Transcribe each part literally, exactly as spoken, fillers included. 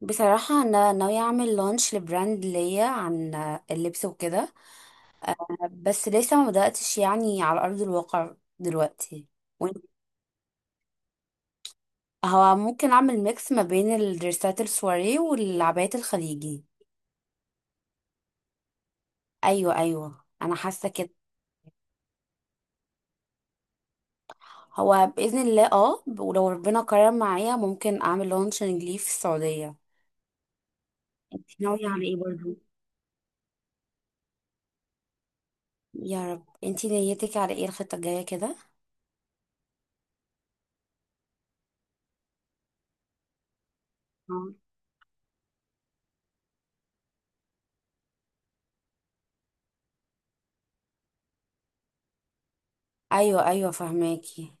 بصراحة أنا ناوية أعمل لونش لبراند ليا عن اللبس وكده، بس لسه ما بدأتش يعني على أرض الواقع دلوقتي. وإن- هو ممكن أعمل ميكس ما بين الدرسات السواري والعبايات الخليجي. أيوة أيوة، أنا حاسة كده. هو بإذن الله اه، ولو ربنا كرم معايا ممكن أعمل لونشنج ليه في السعودية. انتي ناوية على ايه برضو؟ يا رب. انتي نيتك على ايه الخطة الجاية كده؟ آه. أيوة أيوة فهماكي.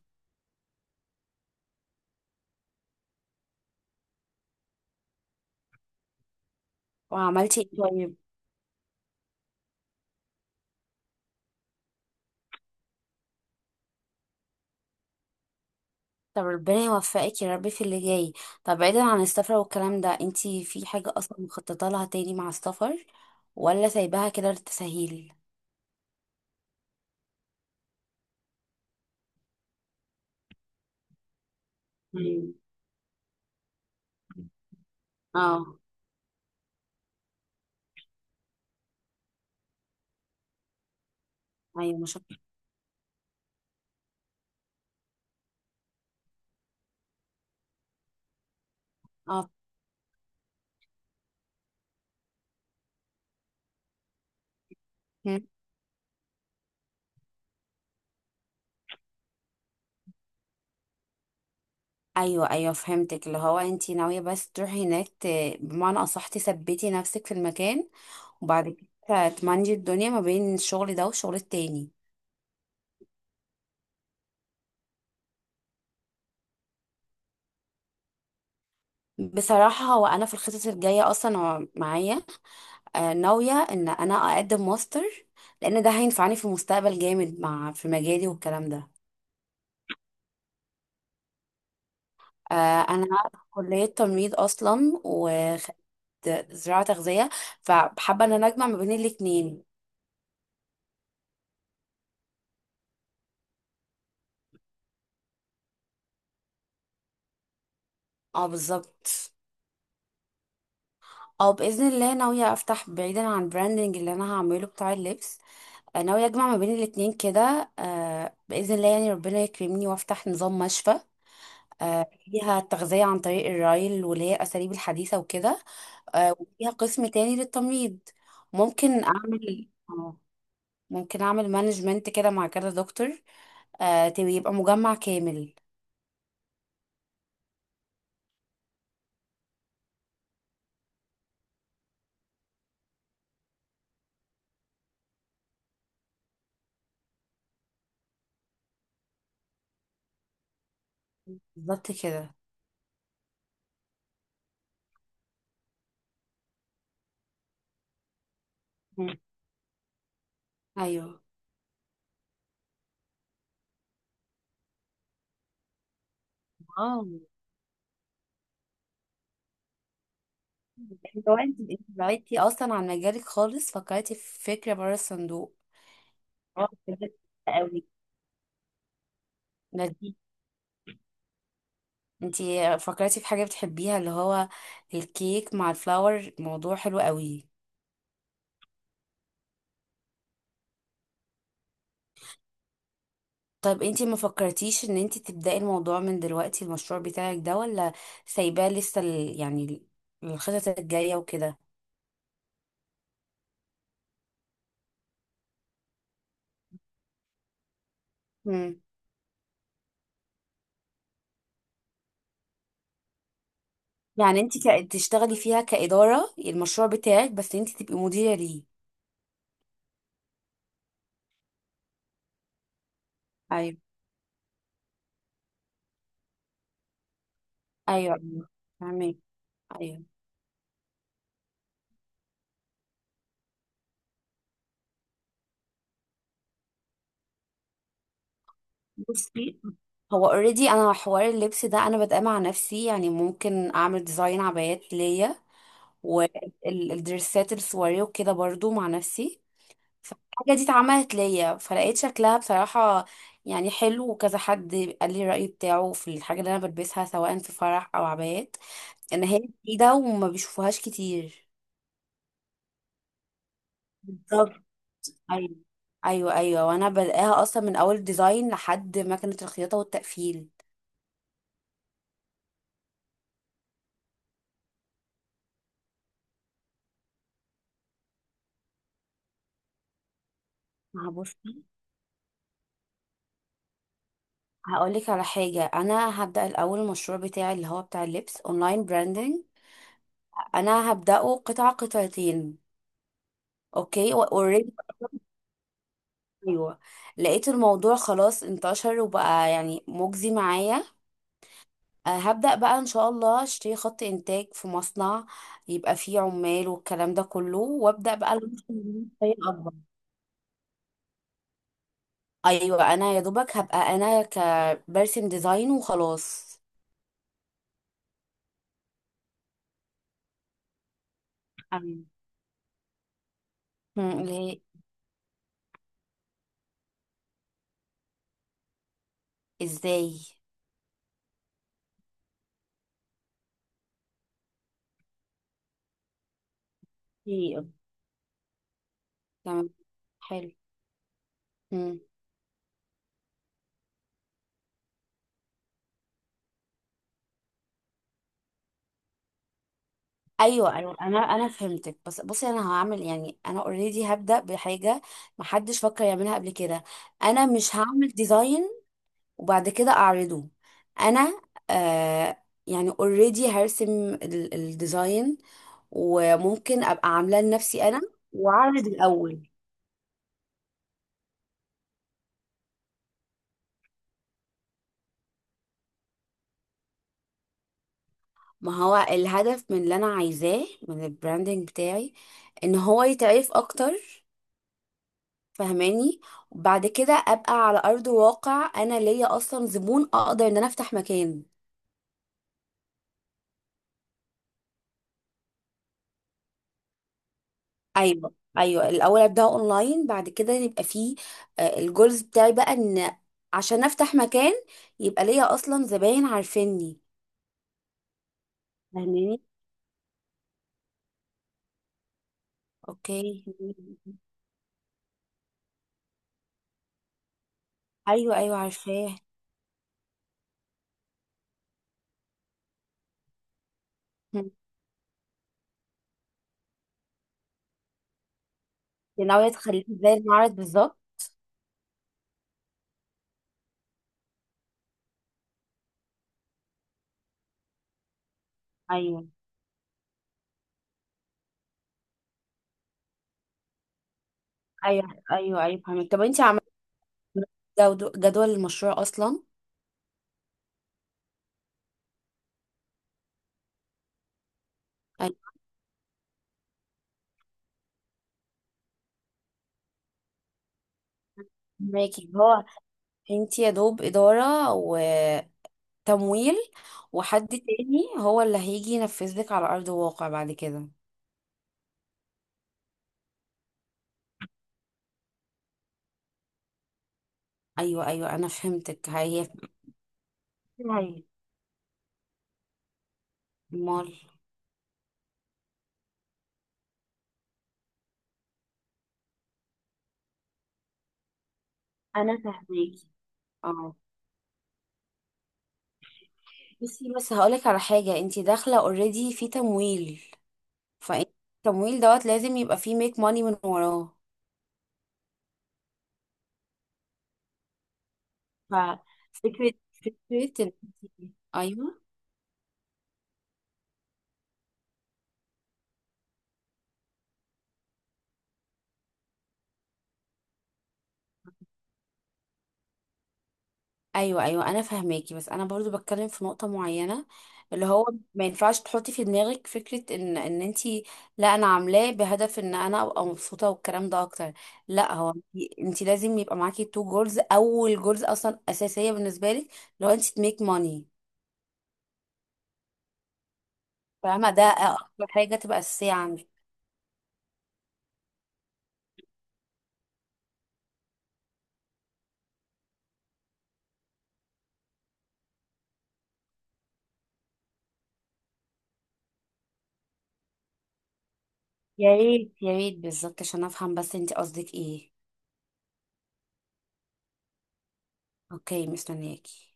وعملتي ايه طيب؟ طب ربنا يوفقك يا رب في اللي جاي. طب بعيدا عن السفر والكلام ده، انتي في حاجة اصلا مخططة لها تاني مع السفر ولا سايباها كده للتسهيل؟ مم. اه. ايوه مش. اه. مم. ايوه ايوه فهمتك، اللي هو انتي ناوية بس تروحي هناك ت... بمعنى اصح تثبتي نفسك في المكان، وبعد كده تمانجي الدنيا ما بين الشغل ده والشغل التاني. بصراحة هو انا في الخطط الجاية اصلا هو معايا، آه، ناوية ان انا اقدم ماستر، لان ده هينفعني في المستقبل جامد مع في مجالي والكلام ده. آه، انا في كلية تمريض اصلا، وخدت زراعة تغذية، فحابة ان انا اجمع ما بين الاتنين. اه بالظبط. او باذن الله ناوية افتح بعيدا عن البراندنج اللي انا هعمله بتاع اللبس. آه، ناوية اجمع ما بين الاتنين كده، آه، باذن الله، يعني ربنا يكرمني وافتح نظام مشفى. آه، فيها التغذية عن طريق الرايل، واللي هي الأساليب الحديثة وكده. آه، وفيها قسم تاني للتمريض. ممكن اعمل آه، ممكن اعمل مانجمنت كده مع كذا دكتور. آه، تبقى- يبقى مجمع كامل. بالظبط كده. مم. ايوه. اه. لو انت انت بعدتي اصلا عن مجالك خالص، فكرتي في فكره بره الصندوق. اه بجد. قوي. لذيذ. انت فكرتي في حاجه بتحبيها، اللي هو الكيك مع الفلاور، موضوع حلو قوي. طب انتي ما فكرتيش ان انتي تبدأي الموضوع من دلوقتي، المشروع بتاعك ده، ولا سايباه لسه ال- يعني الخطط الجاية وكده؟ مم. يعني انتي كا- تشتغلي فيها كإدارة المشروع بتاعك، بس انتي تبقي مديرة ليه. ايوه ايوه. ايوه فاهمك. ايوه. بصي، هو اوريدي انا حوار اللبس ده انا بادئه مع نفسي، يعني ممكن اعمل ديزاين عبايات ليا، والدرسات السواري وكده برضو مع نفسي. الحاجة دي اتعملت ليا، فلقيت شكلها بصراحة يعني حلو، وكذا حد قال لي الرأي بتاعه في الحاجة اللي أنا بلبسها، سواء في فرح أو عبايات، إن هي جديدة وما بيشوفوهاش كتير. بالظبط. أيوة. أيوة أيوة، وأنا بلاقيها أصلا من أول ديزاين لحد مكنة الخياطة والتقفيل. ما بصي، هقولك على حاجة. أنا هبدأ الأول المشروع بتاعي اللي هو بتاع اللبس أونلاين براندنج، أنا هبدأه قطعة قطعتين. اوكي، اوريدي. ايوه. لقيت الموضوع خلاص انتشر، وبقى يعني مجزي معايا. أه، هبدأ بقى ان شاء الله اشتري خط انتاج في مصنع، يبقى فيه عمال والكلام ده كله، وابدأ بقى ألوش من بطريقة اكبر. ايوه، انا يا دوبك هبقى انا كبرسم ديزاين وخلاص. أيوة. مم، اللي هي؟ ازاي؟ إيه. تمام. حلو. مم. ايوه ايوه انا انا فهمتك، بس بصي، انا هعمل يعني انا اوريدي هبدا بحاجه محدش فكر يعملها قبل كده. انا مش هعمل ديزاين وبعد كده اعرضه. انا آه يعني اوريدي هرسم ال- الديزاين، وممكن ابقى عاملاه لنفسي انا واعرض الاول. ما هو الهدف من اللي انا عايزاه من البراندنج بتاعي ان هو يتعرف اكتر، فهماني، وبعد كده ابقى على ارض واقع، انا ليا اصلا زبون اقدر ان انا افتح مكان. ايوه ايوه، الاول ابدا اونلاين، بعد كده يبقى فيه آه، الجولز بتاعي بقى ان عشان افتح مكان يبقى ليا اصلا زباين عارفيني. فهماني. اوكي. ايوه ايوه عارفاه. هم. دي ناويه تخليه زي المعرض بالظبط؟ ايوه. ايوه ايوه ايوه فهمت. طب انت عملتي جدول جدول المشروع اصلا؟ ايوه. فهماكي. هو انت يا دوب إدارة وتمويل، وحد تاني هو اللي هيجي ينفذ لك على أرض الواقع بعد كده. أيوة أيوة أنا فهمتك. هي. هي. مال. أنا فهماكي. اه. بصي، بس هقولك على حاجة، انت داخلة اوريدي في تمويل، فانت التمويل دوت لازم يبقى فيه ميك ماني من وراه. ففكرة. فكرة ان انت- أيوة. ايوه ايوه انا فاهماكي، بس انا برضو بتكلم في نقطه معينه، اللي هو ما ينفعش تحطي في دماغك فكره ان ان انتي، لا انا عاملاه بهدف ان انا ابقى مبسوطه والكلام ده اكتر. لا، هو انتي إنتي لازم يبقى معاكي تو جولز، اول جولز اصلا اساسيه بالنسبه لك لو انتي تميك ماني. فاهمه، ده اكتر حاجه تبقى اساسيه عندك. يا ريت يا ريت، بالظبط عشان افهم بس انتي قصدك ايه. اوكي، مستنياكي.